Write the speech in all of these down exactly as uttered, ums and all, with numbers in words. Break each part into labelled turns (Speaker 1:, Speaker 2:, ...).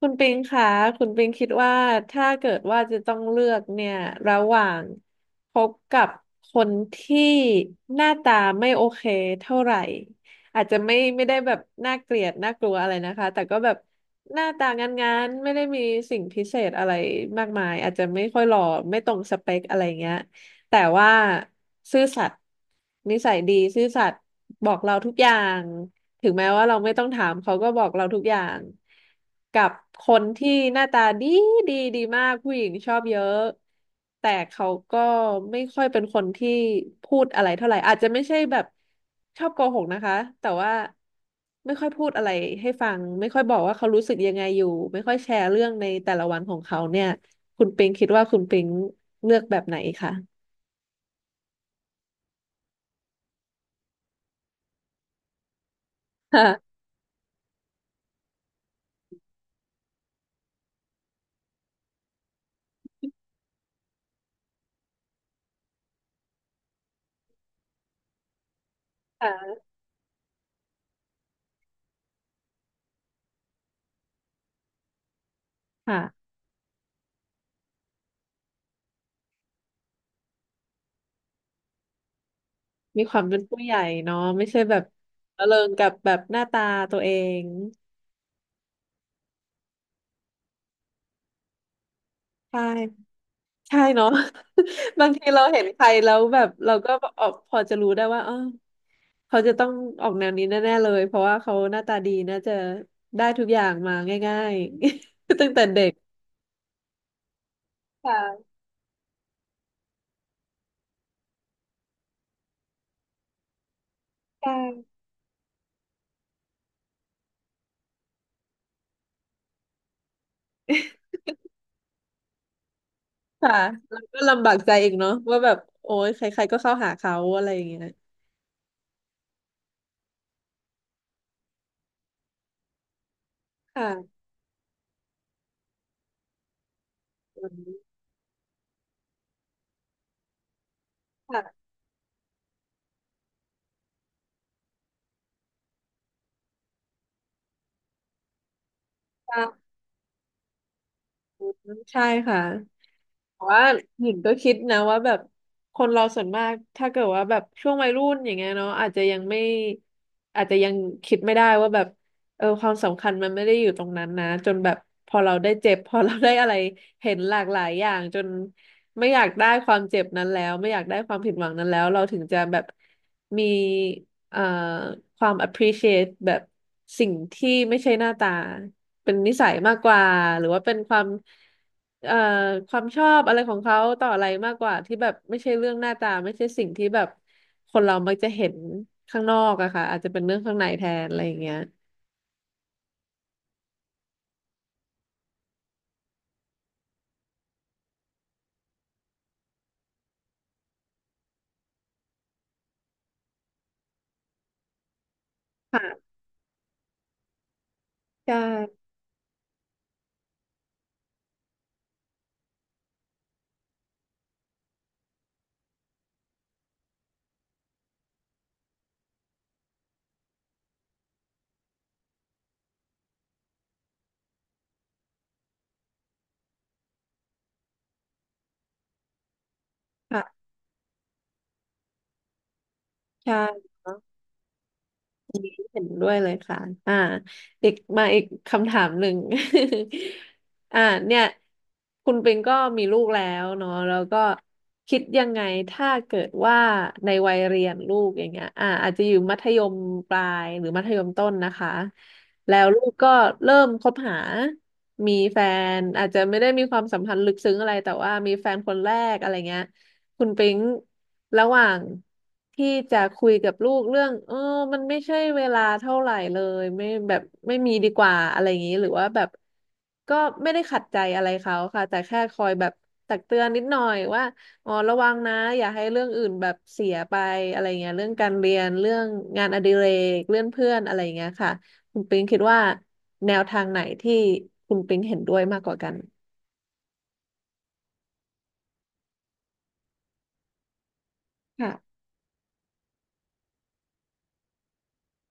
Speaker 1: คุณปิงคะคุณปิงคิดว่าถ้าเกิดว่าจะต้องเลือกเนี่ยระหว่างคบกับคนที่หน้าตาไม่โอเคเท่าไหร่อาจจะไม่ไม่ได้แบบน่าเกลียดน่ากลัวอะไรนะคะแต่ก็แบบหน้าตางานๆไม่ได้มีสิ่งพิเศษอะไรมากมายอาจจะไม่ค่อยหล่อไม่ตรงสเปคอะไรเงี้ยแต่ว่าซื่อสัตย์นิสัยดีซื่อสัตย์บอกเราทุกอย่าง ถึงแม้ว่าเราไม่ต้องถามเขาก็บอกเราทุกอย่างกับคนที่หน้าตาดีดีดีมากผู้หญิงชอบเยอะแต่เขาก็ไม่ค่อยเป็นคนที่พูดอะไรเท่าไหร่อาจจะไม่ใช่แบบชอบโกหกนะคะแต่ว่าไม่ค่อยพูดอะไรให้ฟังไม่ค่อยบอกว่าเขารู้สึกยังไงอยู่ไม่ค่อยแชร์เรื่องในแต่ละวันของเขาเนี่ยคุณปิงคิดว่าคุณปิงเลือกแบบไหนคะ ค่ะค่ะ มีความเป็นผู้ใหญ่เนาะไม่ใช่แบบระเริงกับแบบหน้าตาตัวเองใช่ใช่เนาะ บางทีเราเห็นใครแล้วแบบเราก็ออกพอจะรู้ได้ว่าเออเขาจะต้องออกแนวนี้แน่ๆเลยเพราะว่าเขาหน้าตาดีน่าจะได้ทุกอย่างมาง่ายๆ ตั้งแต่เด็กค่ะใช่ค่ะแล้วก็ลำบากใจอีกเนาะว่าแบบโอ้ยใครๆก็เข้าหาเขาอะไรอย่างเงี้ยค่ะวันนี้ค่ะค่ะใช่ค่ะ แต่ว่าหญิงก็คิดนะว่าแบบคนเราส่วนมากถ้าเกิดว่าแบบช่วงวัยรุ่นอย่างเงี้ยเนาะอาจจะยังไม่อาจจะยังคิดไม่ได้ว่าแบบเออความสำคัญมันไม่ได้อยู่ตรงนั้นนะจนแบบพอเราได้เจ็บพอเราได้อะไรเห็นหลากหลายอย่างจนไม่อยากได้ความเจ็บนั้นแล้วไม่อยากได้ความผิดหวังนั้นแล้วเราถึงจะแบบมี เอ่อความ appreciate แบบสิ่งที่ไม่ใช่หน้าตาเป็นนิสัยมากกว่าหรือว่าเป็นความเอ่อความชอบอะไรของเขาต่ออะไรมากกว่าที่แบบไม่ใช่เรื่องหน้าตาไม่ใช่สิ่งที่แบบคนเรามักจะเห็นข้างนอกอะค่ะอาจจะเป็นเรื่องข้างในแทนอะไรอย่างเงี้ยค่ะใช่ค่ะใช่ เห็นด้วยเลยค่ะอ่าอีกมาอีกคำถามหนึ่ง อ่าเนี่ย คุณปิงก็มีลูกแล้วเนาะแล้วก็คิดยังไง ถ้าเกิดว่าในวัยเรียนลูกอย่างเงี้ยอ่าอาจจะอยู่มัธยมปลายหรือมัธยมต้นนะคะ แล้วลูกก็เริ่มคบหา มีแฟน อาจจะไม่ได้มีความสัมพันธ์ลึกซึ้งอะไร แต่ว่ามีแฟนคนแรกอะไรเงี้ย คุณปิ๊งระหว่างที่จะคุยกับลูกเรื่องเออมันไม่ใช่เวลาเท่าไหร่เลยไม่แบบไม่มีดีกว่าอะไรอย่างนี้หรือว่าแบบก็ไม่ได้ขัดใจอะไรเขาค่ะแต่แค่คอยแบบตักเตือนนิดหน่อยว่าอ๋อระวังนะอย่าให้เรื่องอื่นแบบเสียไปอะไรเงี้ยเรื่องการเรียนเรื่องงานอดิเรกเรื่องเพื่อนอะไรเงี้ยค่ะคุณปิ๊งคิดว่าแนวทางไหนที่คุณปิ๊งเห็นด้วยมากกว่ากันค่ะ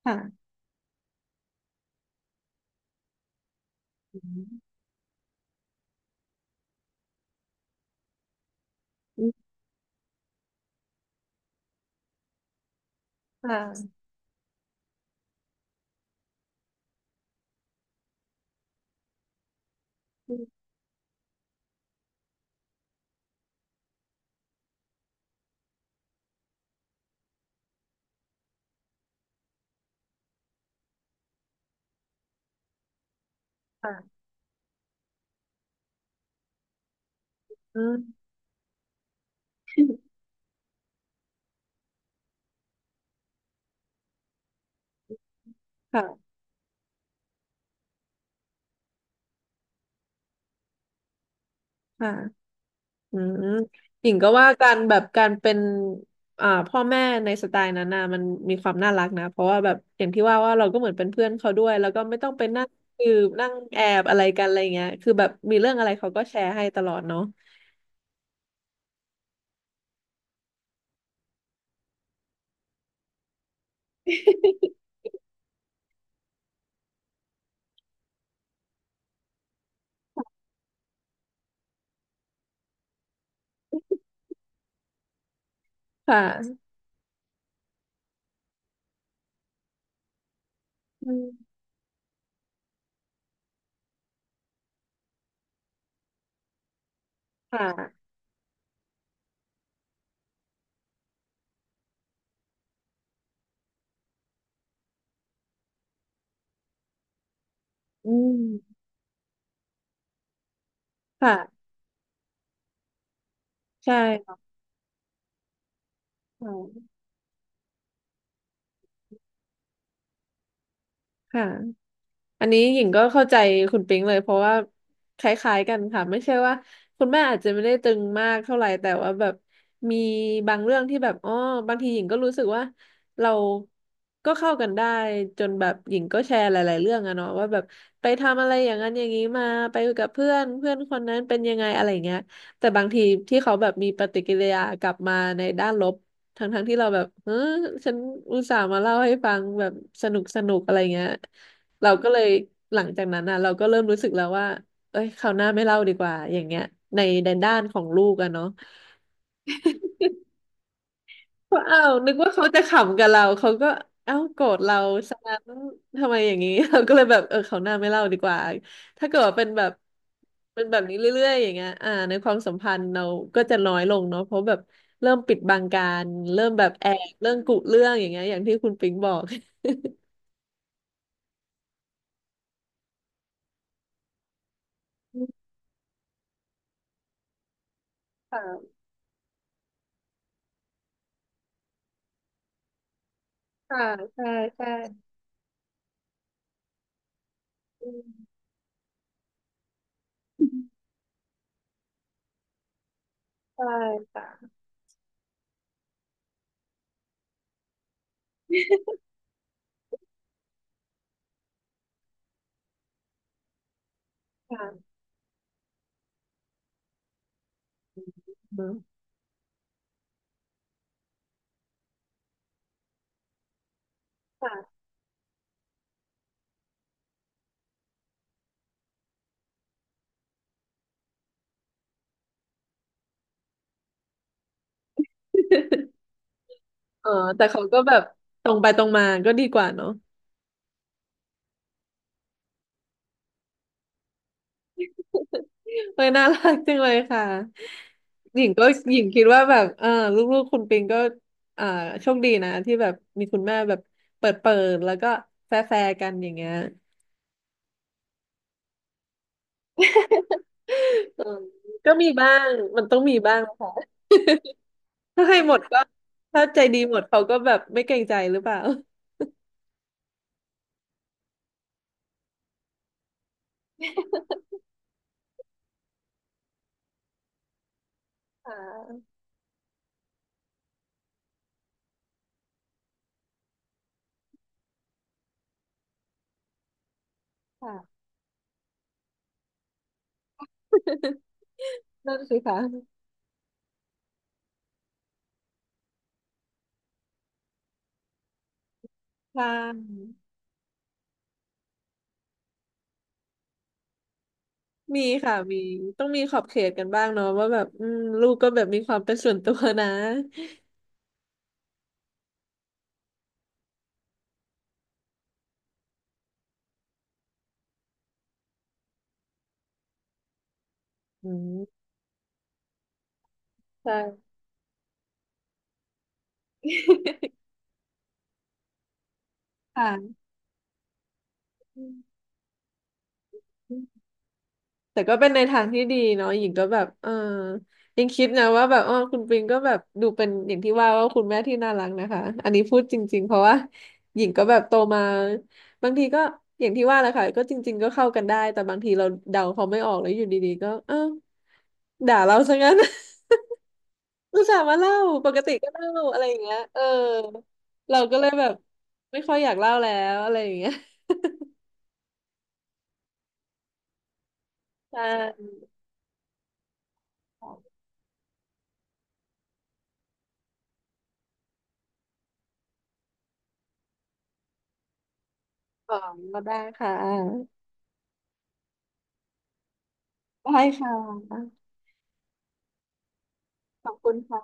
Speaker 1: ค่ะอืมค่ะค่ะ อืมค่ะค่ะอืมหญิงก็ว่าการแบบการเป็นอ่าพ่อแม่ในสไตล์นั้นน่ะมันมีความน่ารักนะ เพราะว่าแบบอย่างที่ว่าว่าเราก็เหมือนเป็นเพื่อนเขาด้วย แล้วก็ไม่ต้องไปนั่งสืบนั่งแอบอะไรกันอะไรเงี้ยคือแบบมีเรื่องอะไรเขาก็แชร์ให้ตลอดเนาะ ค่ะอืมค่ะอืมค่ะ ใช่ค่ะค่ะ อันนี้หญิงก็เข้าใจคุณปิงเลยเพราะว่าคล้ายๆกันค่ะไม่ใช่ว่าคุณแม่อาจจะไม่ได้ตึงมากเท่าไหร่แต่ว่าแบบมีบางเรื่องที่แบบอ๋อบางทีหญิงก็รู้สึกว่าเราก็เข้ากันได้จนแบบหญิงก็แชร์หลายๆเรื่องอะเนาะว่าแบบไปทำอะไรอย่างนั้นอย่างนี้มาไปกับเพื่อนเพื่อนคนนั้นเป็นยังไงอะไรอย่างเงี้ยแต่บางทีที่เขาแบบมีปฏิกิริยากลับมาในด้านลบทั้งๆที่เราแบบเออฉันอุตส่าห์มาเล่าให้ฟังแบบสนุกสนุกอะไรเงี้ย เราก็เลยหลังจากนั้นอ่ะเราก็เริ่มรู้สึกแล้วว่าเอ้ยคราวหน้าไม่เล่าดีกว่าอย่างเงี้ยในในด้านของลูกอะเนาะว่าอ้าวนึกว่าเขาจะขำกับเราเขาก็เอ้าโกรธเราซะงั้นทำไมอย่างนี้ เราก็เลยแบบเออคราวหน้าไม่เล่าดีกว่าถ้าเกิดว่าเป็นแบบเป็นแบบนี้เรื่อยๆอย่างเงี้ยอ่าในความสัมพันธ์เราก็จะน้อยลงเนาะเพราะแบบเริ่มปิดบังการเริ่มแบบแอบเรื่องกุเรื่องอย่างเงี้ยอย่างที่คุณปิงบอก ค่ะค่ะใช่ใช่อืมใช่ค่ะ ค่ะอืมค่ะเออแต่เขาก็แบบตรงไปตรงมาก็ดีกว่าเนาะเออน่ารักจังเลยค่ะหญิงก็หญิงคิดว่าแบบเออลูกๆคุณปิงก็อ่าโชคดีนะที่แบบมีคุณแม่แบบเปิดเปิดแล้วก็แฟร์แฟร์กันอย่างเงี้ยเออก็มีบ้างมันต้องมีบ้างค่ะถ้าให้หมดก็ถ้าใจดีหมดเขาก็แบบไม่เกรงใจหรือเปล่าค่ะค่ะนั่นสิคะค่ะ มีค่ะมีต้องมีขอบเขตกันบ้างเนาะว่าแบบอืมลูกก็แบบมีความเป็นส่วนตัวนะอืมใช่ค่ะอืมแต่ก็เป็นในทางที่ดีเนาะหญิงก็แบบเออยังคิดนะว่าแบบอ๋อคุณปิงก็แบบดูเป็นอย่างที่ว่าว่าคุณแม่ที่น่ารักนะคะอันนี้พูดจริงๆเพราะว่าหญิงก็แบบโตมาบางทีก็อย่างที่ว่าแหละค่ะก็จริงๆก็เข้ากันได้แต่บางทีเราเดาเขาไม่ออกแล้วอยู่ดีๆก็เออด่าเราซะงั้น อุตส่าห์มาเล่าปกติก็เล่าอะไรอย่างเงี้ยเออเราก็เลยแบบไม่ค่อยอยากเล่าแล้วอะไรอย่างเงี้ยใช่ของก็ได้ค่ะได้ค่ะขอบคุณค่ะ